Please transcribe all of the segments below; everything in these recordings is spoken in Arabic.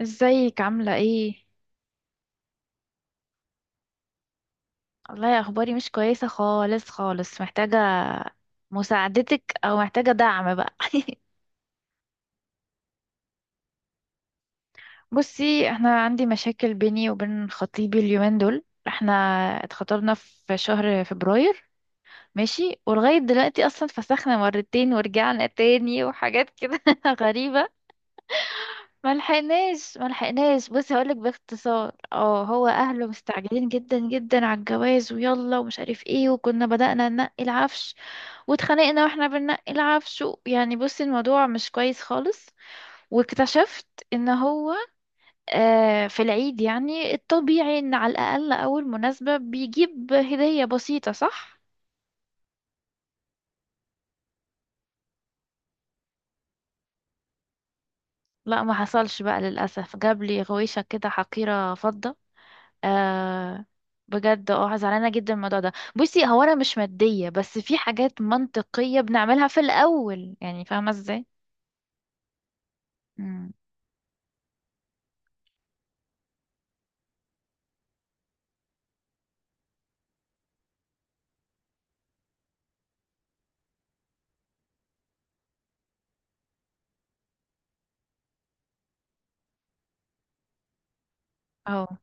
ازيك عاملة ايه؟ والله اخباري مش كويسة خالص خالص محتاجة مساعدتك او محتاجة دعم بقى. بصي، احنا عندي مشاكل بيني وبين خطيبي اليومين دول. احنا اتخطبنا في شهر فبراير، ماشي، ولغاية دلوقتي اصلا فسخنا مرتين ورجعنا تاني وحاجات كده غريبة. ملحقناش بصي، هقولك باختصار، هو اهله مستعجلين جدا جدا على الجواز ويلا ومش عارف ايه، وكنا بدأنا ننقي العفش واتخانقنا واحنا بننقي العفش يعني بصي الموضوع مش كويس خالص. واكتشفت ان هو، في العيد يعني الطبيعي ان على الاقل اول مناسبة بيجيب هدية بسيطة، صح؟ لا، ما حصلش بقى للاسف، جاب لي غويشة كده حقيرة فضة. آه، بجد زعلانة جدا من الموضوع ده. بصي هو انا مش مادية، بس في حاجات منطقية بنعملها في الاول، يعني فاهمة ازاي. امم،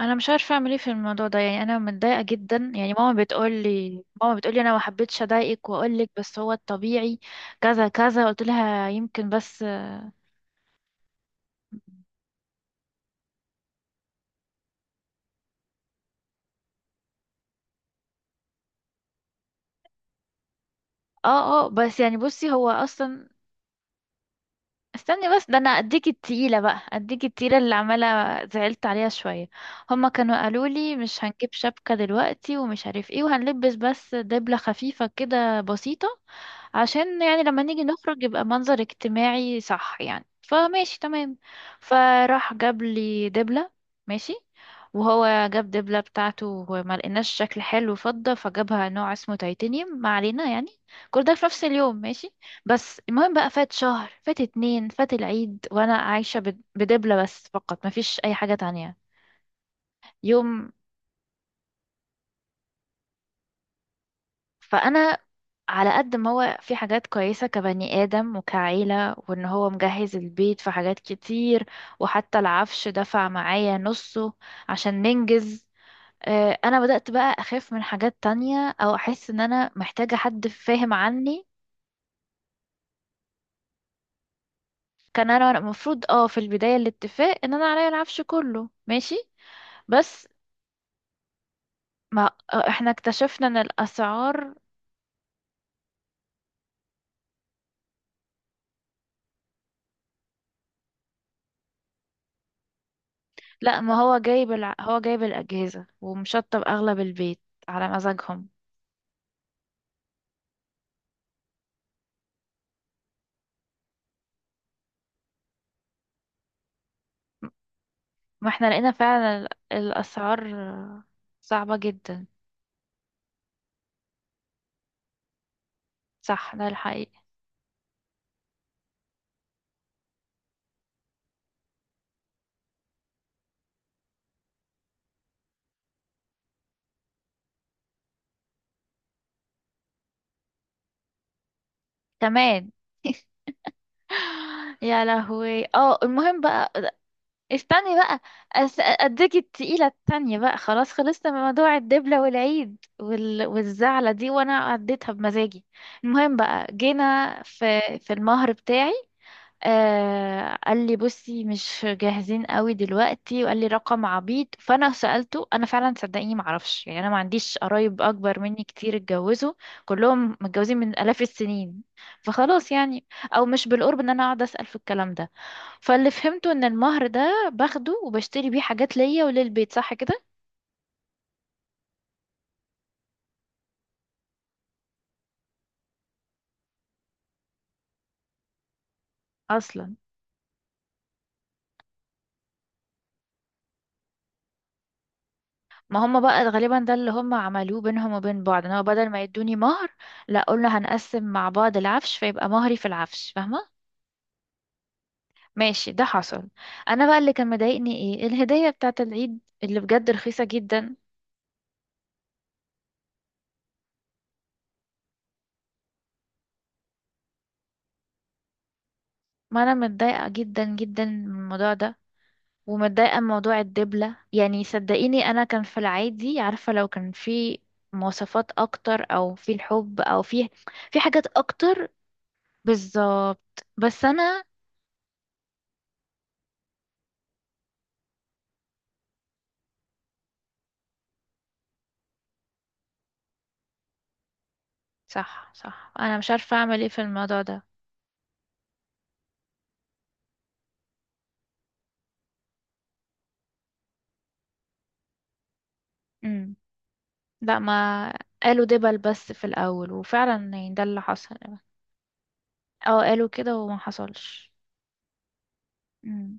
انا مش عارفه اعمل ايه في الموضوع ده، يعني انا متضايقه جدا. يعني ماما بتقول لي، ماما بتقول لي انا ما حبيتش اضايقك واقول لك، بس هو الطبيعي كذا كذا. قلت لها يمكن، بس اه اه بس يعني بصي هو اصلا. استني بس، ده انا اديك التقيله بقى، اديك التقيله اللي عماله زعلت عليها شويه. هما كانوا قالوا لي مش هنجيب شبكه دلوقتي ومش عارف ايه، وهنلبس بس دبله خفيفه كده بسيطه عشان يعني لما نيجي نخرج يبقى منظر اجتماعي، صح؟ يعني فماشي تمام. فراح جاب لي دبله، ماشي، وهو جاب دبله بتاعته وما لقيناش شكل حلو فضه، فجابها نوع اسمه تيتانيوم، ما علينا يعني. كل ده في نفس اليوم، ماشي. بس المهم بقى، فات شهر، فات اتنين، فات العيد، وانا عايشة بدبلة بس فقط، مفيش اي حاجة تانية يوم. فانا على قد ما هو في حاجات كويسة كبني آدم وكعيلة، وان هو مجهز البيت في حاجات كتير، وحتى العفش دفع معايا نصه عشان ننجز. آه، انا بدأت بقى اخاف من حاجات تانية، او احس ان انا محتاجة حد فاهم عني. كان انا المفروض، في البداية الاتفاق ان انا عليا العفش كله، ماشي، بس ما احنا اكتشفنا ان الاسعار، لا ما هو جايب هو جايب الاجهزه ومشطب اغلب البيت على مزاجهم. ما احنا لقينا فعلا الاسعار صعبه جدا. صح، ده الحقيقه، كمان يا لهوي. اه، المهم بقى، استني بقى، اديك التقيله التانية بقى. خلاص، خلصنا من موضوع الدبله والعيد والزعله دي، وانا عديتها بمزاجي. المهم بقى، جينا في في المهر بتاعي. آه، قال لي بصي مش جاهزين قوي دلوقتي، وقال لي رقم عبيط. فانا سألته، انا فعلا صدقيني ما اعرفش، يعني انا ما عنديش قرايب اكبر مني كتير اتجوزوا، كلهم متجوزين من الاف السنين، فخلاص يعني. او مش بالقرب ان انا اقعد اسأل في الكلام ده. فاللي فهمته ان المهر ده باخده وبشتري بيه حاجات ليا وللبيت، صح كده؟ اصلا ما هم بقى غالبا ده اللي هم عملوه بينهم وبين بعض، ان هو بدل ما يدوني مهر، لا قلنا هنقسم مع بعض العفش، فيبقى مهري في العفش، فاهمة؟ ماشي، ده حصل. انا بقى اللي كان مضايقني ايه، الهدية بتاعت العيد اللي بجد رخيصة جدا. ما انا متضايقة جدا جدا من الموضوع ده، ومتضايقة من موضوع الدبلة. يعني صدقيني انا كان في العادي عارفة لو كان في مواصفات اكتر، او في الحب، او في في حاجات اكتر. بالظبط، بس انا، صح صح، انا مش عارفة اعمل ايه في الموضوع ده. امم. لا ما قالوا دبل بس في الاول، وفعلا يعني ده اللي حصل. اه قالوا كده وما حصلش. مم.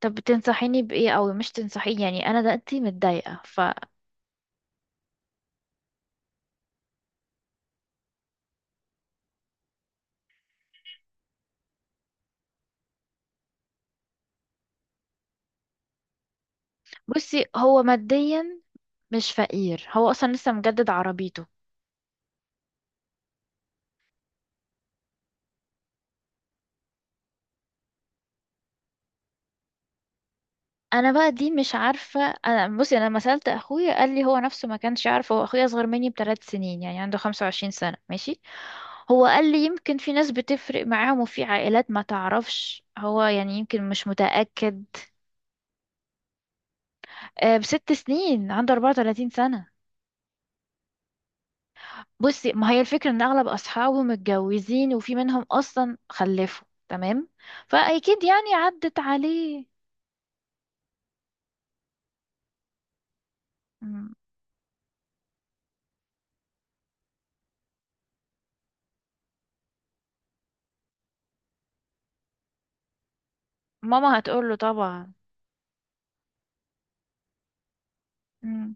طب بتنصحيني بإيه؟ أوي مش تنصحيني يعني، أنا دلوقتي متضايقة. فبصي هو ماديا مش فقير، هو أصلا لسه مجدد عربيته. أنا بقى دي مش عارفة. أنا بصي، أنا لما سألت أخويا قال لي هو نفسه ما كانش يعرف، هو أخويا أصغر مني بثلاث سنين يعني عنده خمسة وعشرين سنة، ماشي. هو قال لي يمكن في ناس بتفرق معاهم وفي عائلات ما تعرفش، هو يعني يمكن مش متأكد. آه، بست سنين، عنده 34 سنة. بصي ما هي الفكرة ان اغلب اصحابه متجوزين، وفي منهم اصلا خلفوا، تمام، فاكيد يعني عدت عليه. مم. ماما هتقوله طبعا. مم.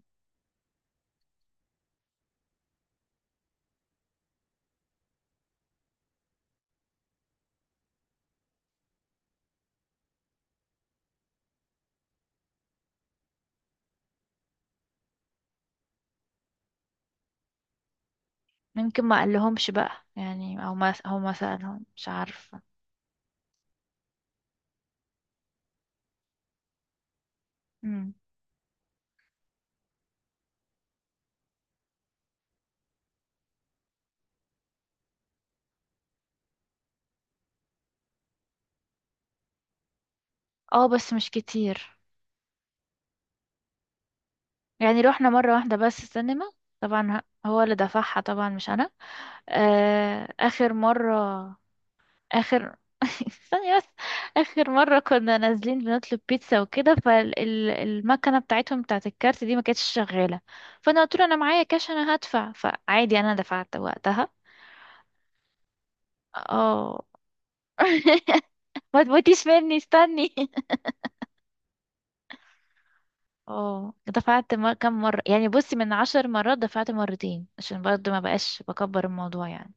يمكن ما قالهمش بقى يعني، او ما هو ما سألهم، مش عارفة. مم. اه بس مش كتير، يعني روحنا مرة واحدة بس السينما. طبعا، هو اللي دفعها طبعا مش انا. آه، اخر مرة، اخر ثانية بس. اخر مرة كنا نازلين بنطلب بيتزا وكده، فالمكنة بتاعتهم بتاعت الكارت دي ما كانتش شغالة، فانا قلت له انا معايا كاش انا هدفع، فعادي انا دفعت وقتها. اه ما تموتيش مني، استني. اه دفعت كم مرة يعني، بصي من عشر مرات دفعت مرتين عشان برضه ما بقاش بكبر الموضوع يعني.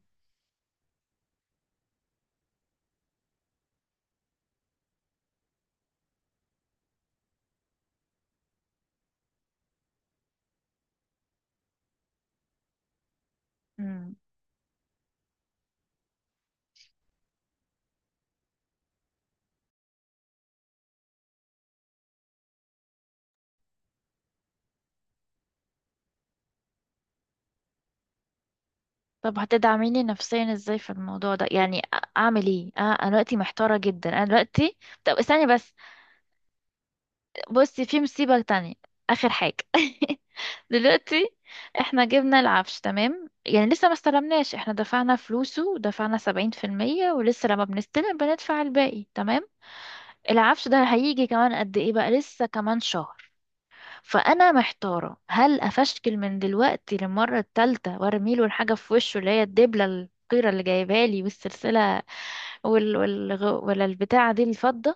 مم. طب هتدعميني نفسيا ازاي في الموضوع ده؟ يعني اعمل ايه؟ انا دلوقتي محتارة جدا، انا دلوقتي. طب استني بس، بصي في مصيبة تانية، آخر حاجة. دلوقتي احنا جبنا العفش، تمام؟ يعني لسه ما استلمناش، احنا دفعنا فلوسه، دفعنا سبعين في المية ولسه لما بنستلم بندفع الباقي، تمام. العفش ده هيجي كمان قد ايه بقى؟ لسه كمان شهر. فأنا محتارة هل أفشكل من دلوقتي للمرة التالتة وارميله الحاجة في وشه، اللي هي الدبلة القيرة اللي جايبالي والسلسلة ولا البتاعة دي الفضة،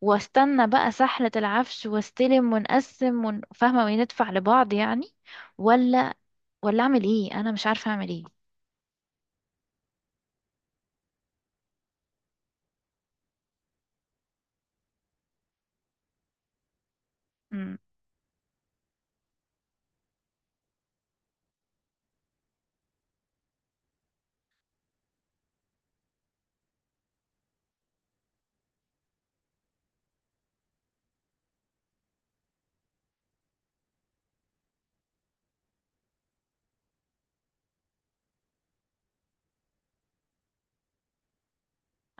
واستنى بقى سحلة العفش واستلم ونقسم فاهمة، وندفع لبعض يعني، ولا، اعمل ايه؟ انا مش عارفة اعمل ايه. امم،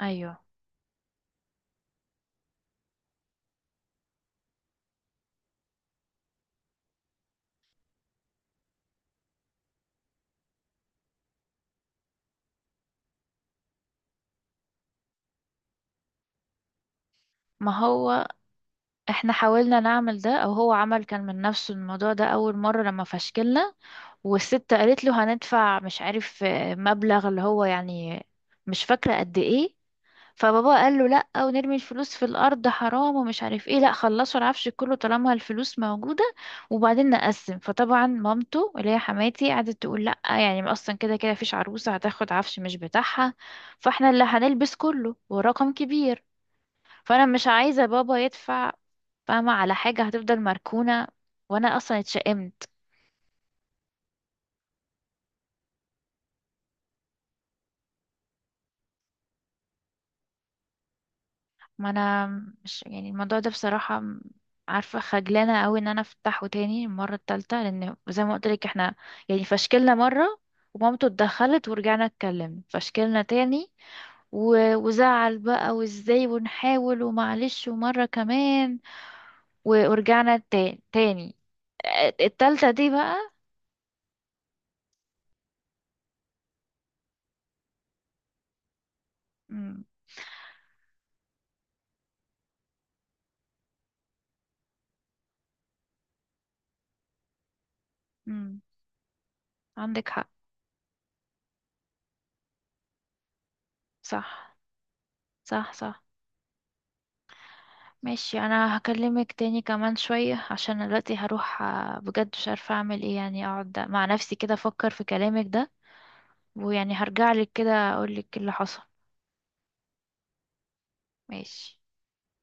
ايوه. ما هو احنا حاولنا نعمل ده، او هو عمل كان من نفسه الموضوع ده اول مرة لما فشكلنا، والست قالت له هندفع مش عارف، آه، مبلغ اللي هو يعني مش فاكرة قد ايه. فبابا قال له لا، ونرمي الفلوس في الارض حرام ومش عارف ايه، لا خلصوا العفش كله طالما الفلوس موجوده وبعدين نقسم. فطبعا مامته اللي هي حماتي قعدت تقول لا يعني، ما اصلا كده كده فيش عروسه هتاخد عفش مش بتاعها، فاحنا اللي هنلبس كله ورقم كبير. فانا مش عايزه بابا يدفع فاهمه، على حاجه هتفضل مركونه، وانا اصلا اتشائمت. ما انا مش يعني الموضوع ده بصراحة، عارفة خجلانة قوي ان انا افتحه تاني المرة التالتة، لان زي ما قلت لك احنا يعني فشكلنا مرة، ومامته اتدخلت ورجعنا اتكلمنا، فشكلنا تاني وزعل بقى وازاي ونحاول ومعلش، ومرة كمان ورجعنا تاني. التالتة دي بقى. مم. مم. عندك حق. صح صح صح. ماشي، انا هكلمك تاني كمان شوية عشان دلوقتي هروح. آه، بجد مش عارفة اعمل ايه، يعني اقعد مع نفسي كده افكر في كلامك ده، ويعني هرجع لك كده اقول لك اللي حصل. ماشي.